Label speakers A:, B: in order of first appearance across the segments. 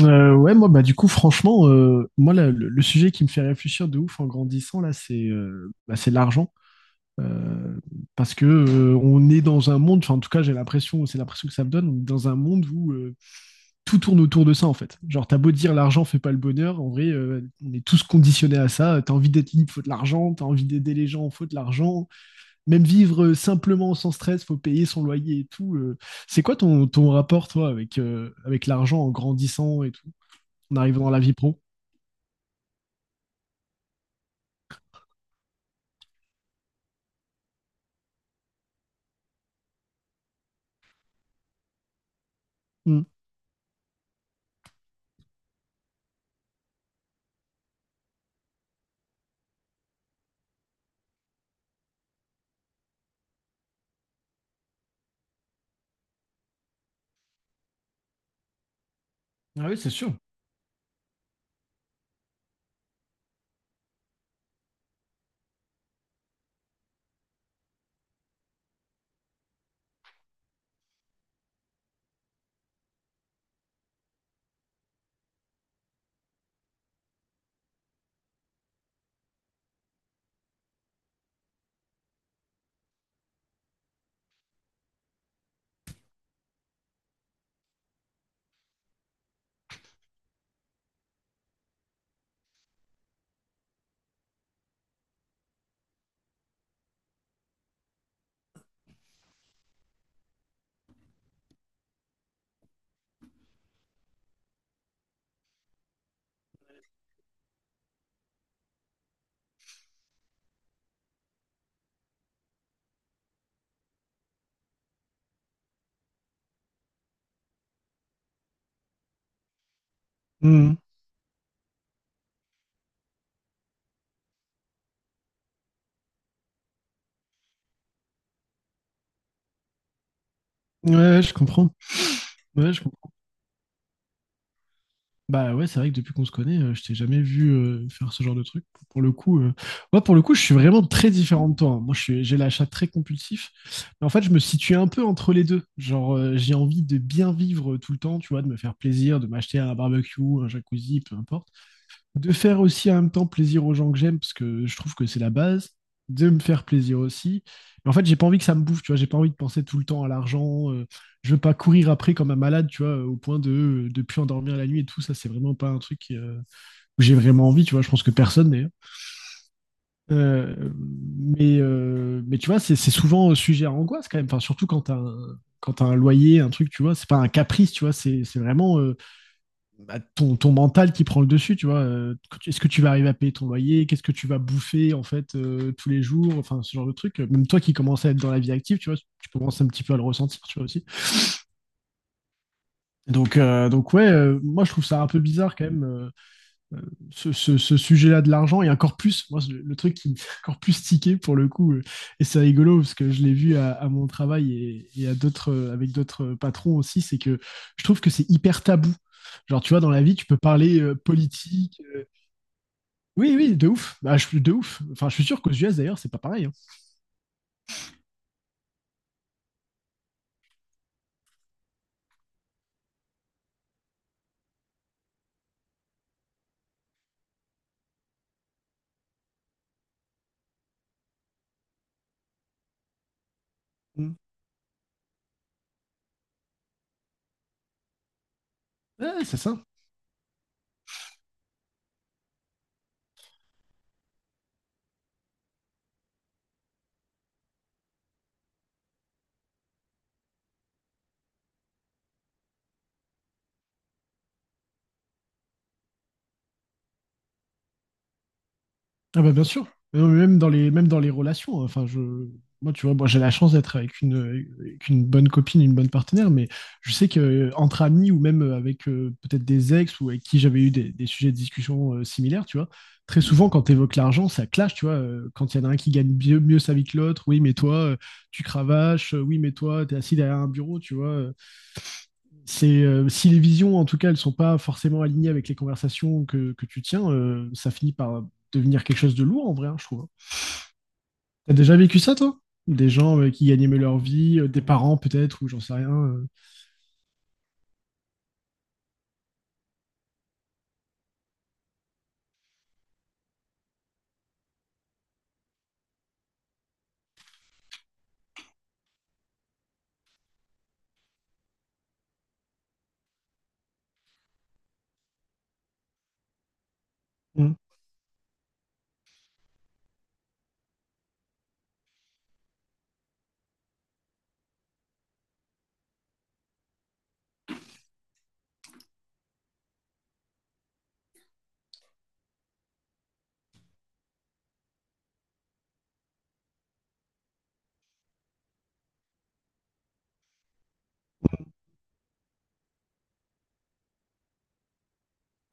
A: Ouais, moi, bah, du coup, franchement, moi, le sujet qui me fait réfléchir de ouf en grandissant, là, c'est l'argent. Euh, parce que on est dans un monde, enfin, en tout cas, j'ai l'impression, c'est l'impression que ça me donne, on est dans un monde où tout tourne autour de ça, en fait. Genre, t'as beau dire l'argent fait pas le bonheur, en vrai, on est tous conditionnés à ça. T'as envie d'être libre, faut de l'argent. T'as envie d'aider les gens, faut de l'argent. Même vivre simplement sans stress, faut payer son loyer et tout. C'est quoi ton rapport, toi, avec, avec l'argent en grandissant et tout? En arrivant dans la vie pro. Mm. Ah oui, c'est sûr. Mm. Ouais, ouais, je comprends. Ouais, je comprends. Bah ouais, c'est vrai que depuis qu'on se connaît, je t'ai jamais vu faire ce genre de truc. Pour le coup, moi, pour le coup, je suis vraiment très différent de toi, hein. Moi, j'ai l'achat très compulsif. Mais en fait, je me situe un peu entre les deux. Genre, j'ai envie de bien vivre tout le temps, tu vois, de me faire plaisir, de m'acheter un barbecue, un jacuzzi, peu importe. De faire aussi en même temps plaisir aux gens que j'aime, parce que je trouve que c'est la base, de me faire plaisir aussi. Mais en fait, j'ai pas envie que ça me bouffe, tu vois, j'ai pas envie de penser tout le temps à l'argent. Je veux pas courir après comme un malade, tu vois, au point de plus endormir la nuit et tout. Ça, c'est vraiment pas un truc où j'ai vraiment envie, tu vois. Je pense que personne d'ailleurs. Euh, mais tu vois, c'est souvent sujet à angoisse quand même. Enfin, surtout quand t'as un loyer, un truc, tu vois, c'est pas un caprice, tu vois, c'est vraiment. Bah, ton mental qui prend le dessus, tu vois. Est-ce que tu vas arriver à payer ton loyer? Qu'est-ce que tu vas bouffer, en fait, tous les jours? Enfin, ce genre de truc. Même toi qui commences à être dans la vie active, tu vois, tu commences un petit peu à le ressentir, tu vois, aussi. Donc, donc ouais, moi, je trouve ça un peu bizarre, quand même, ce sujet-là de l'argent. Et encore plus, moi, le truc qui me fait encore plus tiquer, pour le coup, et c'est rigolo, parce que je l'ai vu à mon travail et à d'autres, avec d'autres patrons aussi, c'est que je trouve que c'est hyper tabou. Genre, tu vois, dans la vie, tu peux parler politique. Oui, oui, de ouf. Bah, je suis de ouf. Enfin, je suis sûr qu'aux US d'ailleurs, c'est pas pareil, hein. Mm. Ouais, c'est ça. Ah bah bien sûr. Mais même dans les relations, hein. Enfin, moi, tu vois, moi, j'ai la chance d'être avec une bonne copine, une bonne partenaire, mais je sais que entre amis ou même avec peut-être des ex ou avec qui j'avais eu des sujets de discussion similaires, tu vois, très souvent quand tu évoques l'argent, ça clash, tu vois. Quand il y en a un qui gagne mieux sa vie que l'autre, oui, mais toi, tu cravaches, oui, mais toi, t'es assis derrière un bureau, tu vois. C'est si les visions, en tout cas, elles sont pas forcément alignées avec les conversations que tu tiens, ça finit par devenir quelque chose de lourd en vrai, hein, je trouve. T'as déjà vécu ça, toi? Des gens qui gagnaient mieux leur vie, des parents peut-être, ou j'en sais rien. Mm.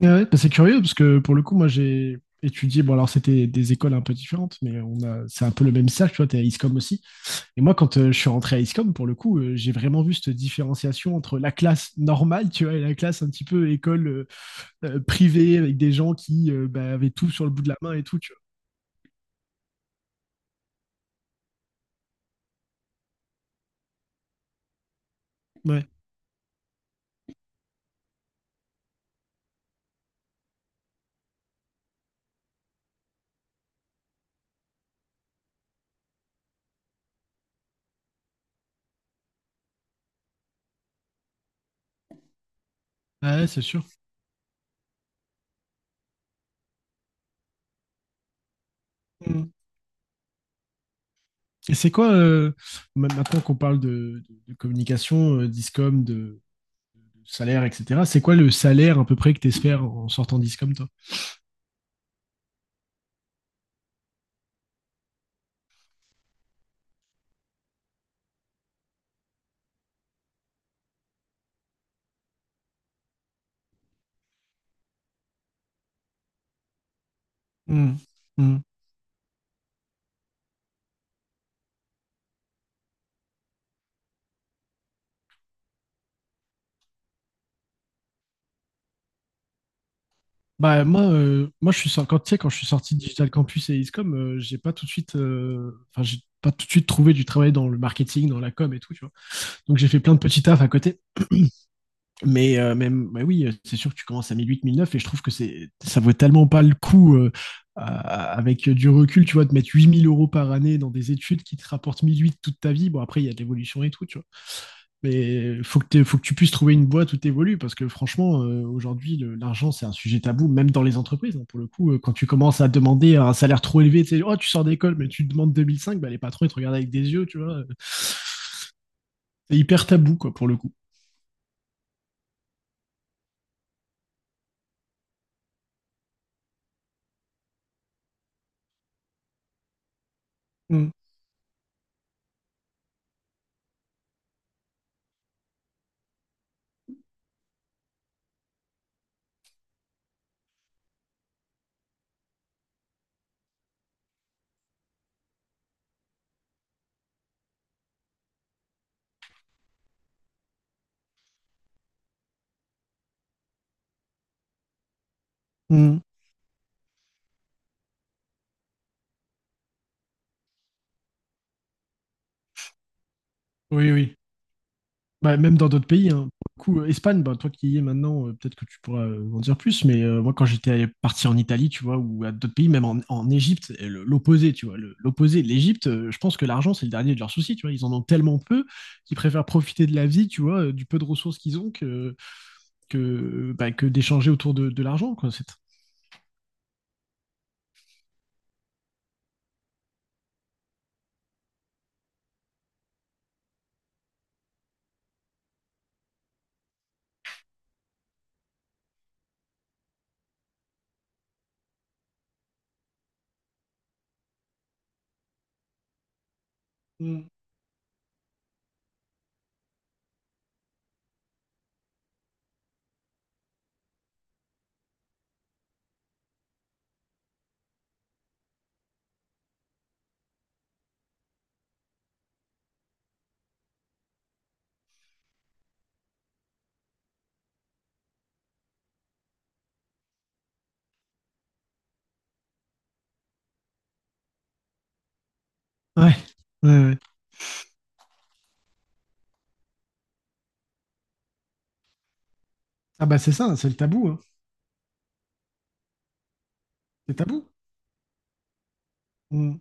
A: Et ouais, bah, c'est curieux parce que pour le coup, moi j'ai étudié, bon alors c'était des écoles un peu différentes, mais on a, c'est un peu le même stage, tu vois, t'es à ISCOM aussi. Et moi, quand je suis rentré à ISCOM, pour le coup, j'ai vraiment vu cette différenciation entre la classe normale, tu vois, et la classe un petit peu école privée avec des gens qui bah, avaient tout sur le bout de la main et tout, tu vois. Ouais, ouais, c'est sûr. Mm. Et c'est quoi, maintenant qu'on parle de communication, d'ISCOM, de salaire, etc., c'est quoi le salaire à peu près que tu espères en sortant d'ISCOM, toi? Mm. Mm. Bah, moi, moi je quand je suis sorti de Digital Campus et ISCOM, j'ai pas tout de suite, enfin, j'ai pas tout de suite trouvé du travail dans le marketing, dans la com et tout, tu vois. Donc j'ai fait plein de petits tafs à côté. Mais oui, c'est sûr que tu commences à 1008, 1009 et je trouve que ça vaut tellement pas le coup avec du recul, tu vois, de mettre 8 000 € par année dans des études qui te rapportent 1008 toute ta vie. Bon, après, il y a de l'évolution et tout, tu vois. Mais faut que tu puisses trouver une boîte où t'évolues parce que franchement, aujourd'hui, l'argent, c'est un sujet tabou, même dans les entreprises, hein. Pour le coup, quand tu commences à demander un salaire trop élevé, tu sais, oh, tu sors d'école, mais tu demandes 2005, bah, les patrons, ils te regardent avec des yeux, tu vois. C'est hyper tabou, quoi, pour le coup. Mm. Mm. Oui, oui. Bah, même dans d'autres pays, hein. Pour le coup, Espagne, bah, toi qui y es maintenant, peut-être que tu pourras en dire plus, mais moi quand j'étais parti en Italie, tu vois, ou à d'autres pays, même en Égypte, et l'opposé, tu vois, l'opposé, l'Égypte, je pense que l'argent, c'est le dernier de leurs soucis, tu vois, ils en ont tellement peu qu'ils préfèrent profiter de la vie, tu vois, du peu de ressources qu'ils ont que d'échanger autour de l'argent, quoi. C'est. Mm. Ouais, ouais, ouais. Ah bah c'est ça, c'est le tabou, hein. C'est tabou. Mmh.